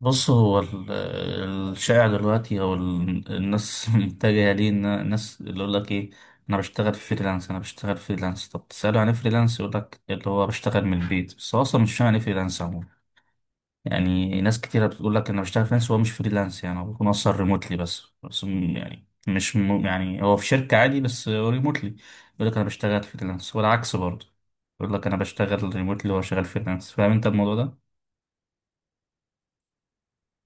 بص، هو الشائع دلوقتي، او الناس متجهه ليه، ان الناس اللي يقول لك ايه، انا بشتغل فريلانس انا بشتغل فريلانس. طب تساله عن إيه فريلانس، يقول لك اللي هو بشتغل من البيت، بس هو اصلا مش فاهم يعني ايه فريلانس عموما. يعني ناس كتيره بتقول لك انا بشتغل فريلانس وهو مش فريلانس. يعني هو بيكون اصلا ريموتلي، بس بس م- يعني مش م- يعني هو في شركه عادي بس هو ريموتلي. يقول لك انا بشتغل فريلانس والعكس برضه، يقول لك انا بشتغل ريموتلي وهو شغال فريلانس. فاهم انت الموضوع ده؟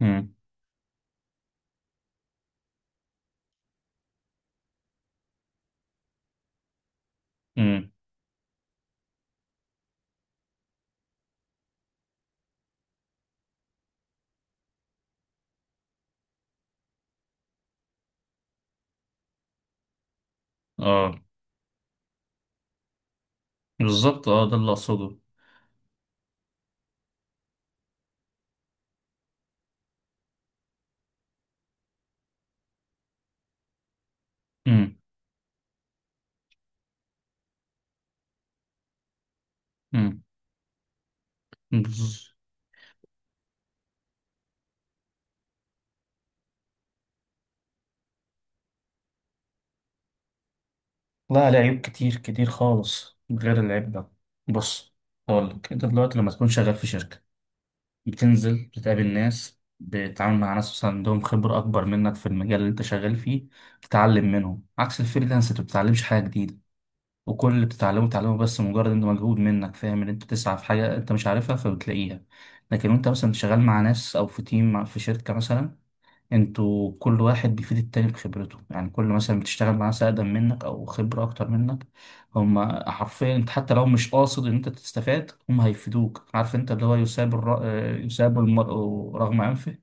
امم امم اه بالظبط. اه، ده اللي اقصده. امم امم بز- لا عليه عيوب كتير كتير خالص غير العيب ده. بص هقول لك، انت دلوقتي لما تكون شغال في شركه بتنزل، بتقابل ناس، بتتعامل مع ناس مثلا عندهم خبره اكبر منك في المجال اللي انت شغال فيه، تتعلم منهم. عكس الفريلانس، انت ما بتتعلمش حاجه جديده، وكل اللي بتتعلمه بتتعلمه بس مجرد انه مجهود منك، فاهم، ان انت تسعى في حاجه انت مش عارفها فبتلاقيها. لكن وانت مثلا شغال مع ناس او في تيم، في شركه مثلا، انتوا كل واحد بيفيد التاني بخبرته. يعني، كل مثلا بتشتغل مع ناس اقدم منك او خبرة اكتر منك، هما حرفيا انت حتى لو مش قاصد ان انت تستفاد هما هيفيدوك. عارف انت اللي هو يساب الر... آه، يساب المرء رغم انفه.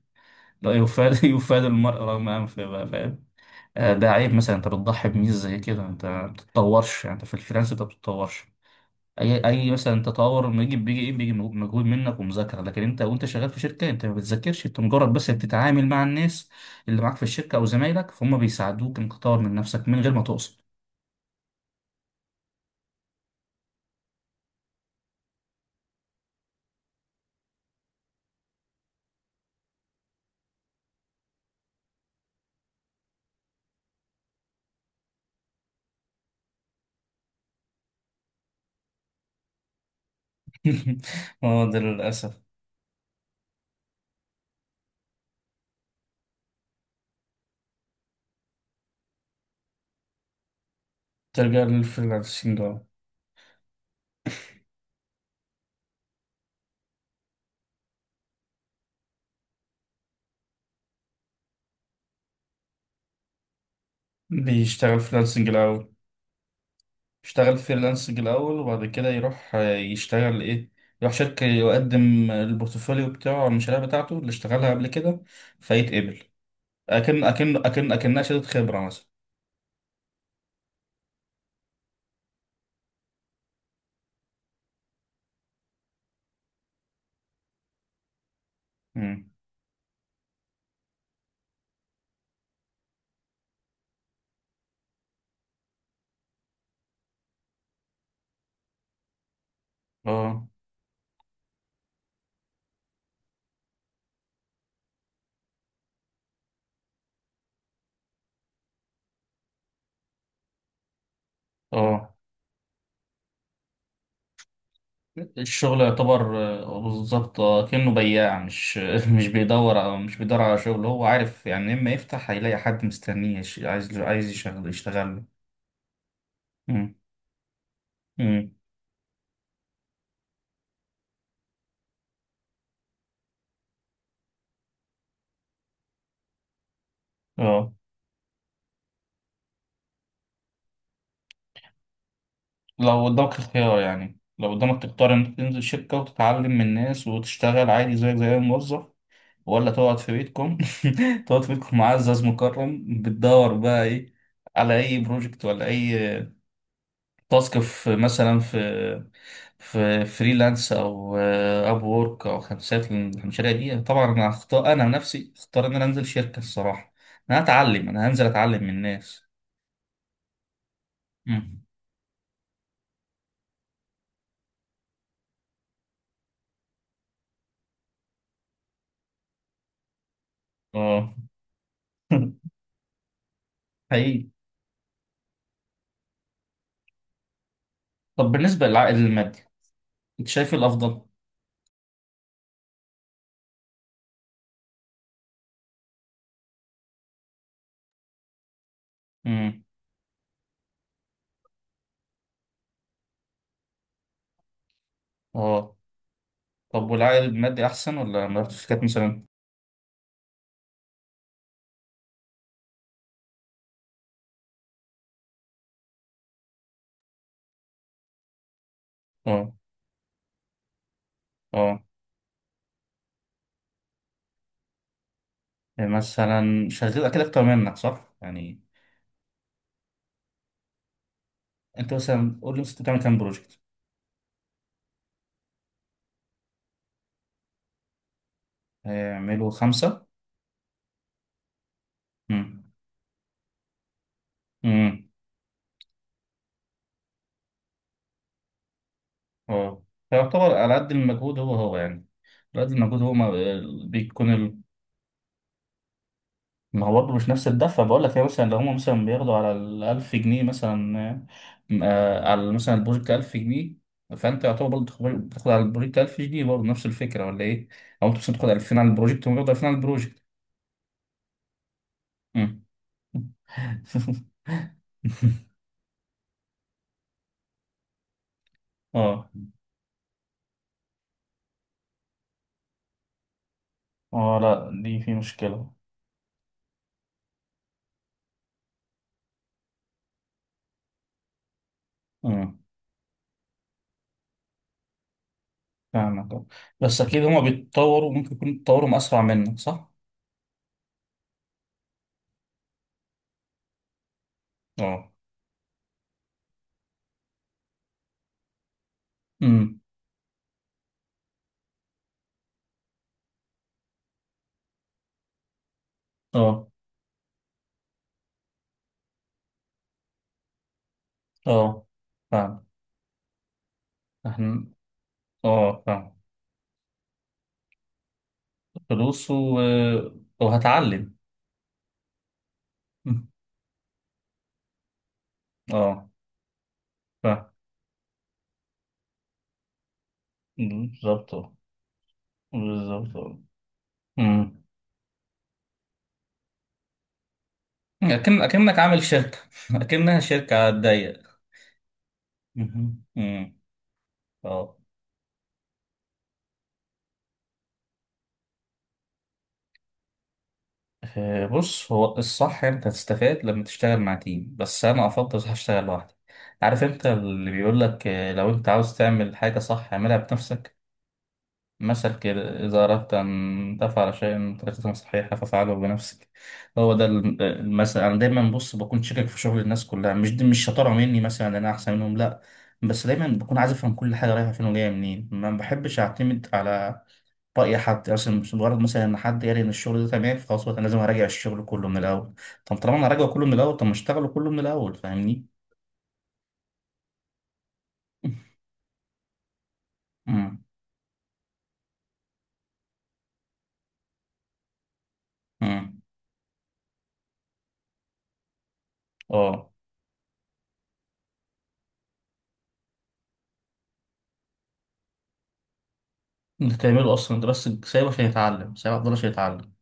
لا يفاد يفاد المرء رغم انفه بقى، فاهم؟ ده عيب، مثلا انت بتضحي بميزة زي كده. انت ما بتتطورش، يعني انت في الفريلانس انت ما بتتطورش. اي مثلا، تطور ما يجي بيجي ايه؟ بيجي مجهود منك ومذاكره. لكن انت وانت شغال في شركه انت ما بتذاكرش، انت مجرد بس بتتعامل مع الناس اللي معاك في الشركه او زمايلك، فهم بيساعدوك انك تطور من نفسك من غير ما تقصد. اه، ده للأسف. ترجع للفريلانسنج، اه. بيشتغل فريلانسنج الأول، يشتغل فريلانسنج الأول وبعد كده يروح يشتغل إيه؟ يروح شركة، يقدم البورتفوليو بتاعه أو المشاريع بتاعته اللي اشتغلها قبل كده، فيتقبل. أكنها شهادة خبرة مثلا. مم. اه. اه، الشغل يعتبر. بالظبط. كأنه بياع مش مش بيدور، او مش بيدور على شغل. هو عارف يعني، اما يفتح هيلاقي حد مستنيه عايز يشتغل له. مم. مم. اه، لو قدامك الخيار، يعني لو قدامك تختار انك تنزل شركة وتتعلم من الناس وتشتغل عادي زيك زي أي موظف، ولا تقعد في بيتكم، تقعد في بيتكم معزز مكرم، بتدور بقى ايه؟ على اي بروجكت ولا اي تاسك، في مثلا، في فريلانس او اب وورك او خمسات، من المشاريع دي؟ طبعا انا هختار، انا نفسي اختار ان انا انزل شركه الصراحه. انا هتعلم، انا هنزل اتعلم من الناس. مم. اه. حقيقي. طب بالنسبه للعائد المادي، انت شايف إيه الافضل؟ امم. اه. طب والعائد المادي احسن ولا مرات الشركات مثلا؟ اه. اه. يعني مثلا شغال اكيد اكتر منك، صح يعني؟ انت مثلا قول لي مثلاً، انت بتعمل كام بروجكت؟ هيعملوا خمسه. امم. اه. فيعتبر على قد المجهود هو يعني، على قد المجهود هو. ما بيكون ال... ما هو برضه مش نفس الدفع بقول لك. هي مثلا لو هم مثلا بياخدوا على ال 1000 جنيه مثلا، على مثلا البروجكت 1000 جنيه، فانت يعتبر برضه بتاخد على البروجكت 1000 جنيه برضه، نفس الفكره ولا ايه؟ او انت مثلا بتاخد 2000 على البروجكت وهم بياخدوا 2000 على البروجكت. مم. اه. اه، لا، دي في مشكله. امم، فاهمك. آه. بس اكيد هما بيتطوروا، ممكن يكونوا بيتطوروا اسرع منك، صح؟ اه. امم. اه. اه، فاهم. احنا. اه، فاهم. فلوس و... وهتعلم. اه، فاهم. بالظبط، آه. بالظبط، آه. أمم. أكنك عامل شركة، أكنها شركة على الضيق. مهم. أمم. اه. بص، هو الصح أنت تستفاد لما تشتغل مع تيم، بس أنا أفضل أروح أشتغل لوحدي. عارف أنت اللي بيقول لك، لو أنت عاوز تعمل حاجة صح اعملها بنفسك. مثل كده، إذا أردت أن تفعل شيئا بطريقة صحيحة فافعله بنفسك. هو ده المثل أنا دايما بص بكون شاكك في شغل الناس كلها، مش دي مش شطارة مني مثلا إن أنا أحسن منهم، لأ. بس دايما بكون عايز أفهم كل حاجة رايحة فين وجاية منين، ما بحبش أعتمد على رأي حد مثلا، مش مجرد مثلا إن حد قال إن الشغل ده تمام فخلاص. بقى أنا لازم أراجع الشغل كله من الأول، طب طالما أنا راجعه كله من الأول، طب ما أشتغله كله من الأول، فاهمني؟ أمم. أمم. أه. أنت تعمله أصلا، أنت بس سايبه عشان يتعلم، سايبه عبد الله عشان يتعلم.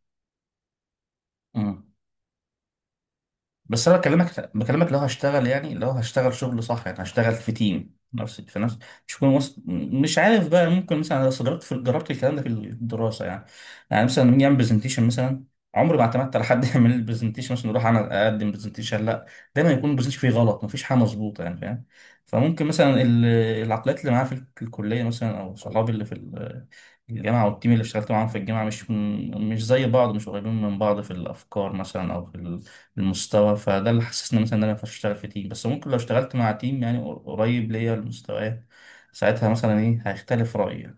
بس انا بكلمك، بكلمك لو هشتغل، يعني لو هشتغل شغل صح، يعني هشتغل في تيم، نفس في نفس. مش هكون وسط، مش عارف بقى، ممكن مثلا انا، أصل جربت، جربت الكلام ده في الدراسه يعني. يعني مثلا لما نيجي نعمل برزنتيشن مثلا، عمري ما اعتمدت على حد يعمل لي برزنتيشن. مثلا اروح انا اقدم برزنتيشن، لا، دايما يكون البرزنتيشن فيه غلط، مفيش حاجه مظبوطه يعني، فاهم؟ فممكن مثلا العقليات اللي معايا في الكليه مثلا، او صحابي اللي في الجامعه والتيم اللي اشتغلت معاهم في الجامعه، مش زي بعض، مش قريبين من بعض في الافكار مثلا او في المستوى. فده اللي حسسني مثلا ان انا مينفعش اشتغل في تيم. بس ممكن لو اشتغلت مع تيم يعني قريب ليا المستويات، ساعتها مثلا ايه، هيختلف رأيي.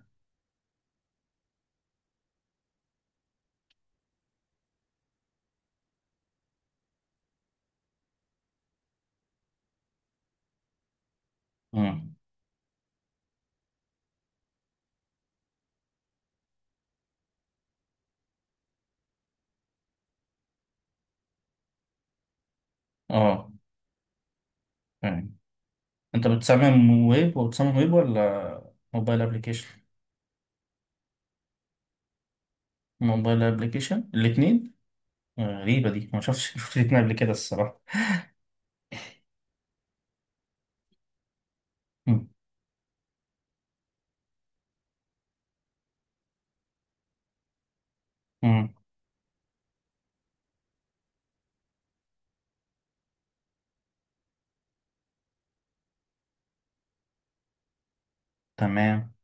امم. اه، فاهم. انت بتصمم ويب، وبتصمم ويب ولا موبايل ابلكيشن؟ موبايل ابلكيشن، الاثنين. غريبة دي، ما شفتش شفت الاثنين قبل كده الصراحة. امم. امم. تمام.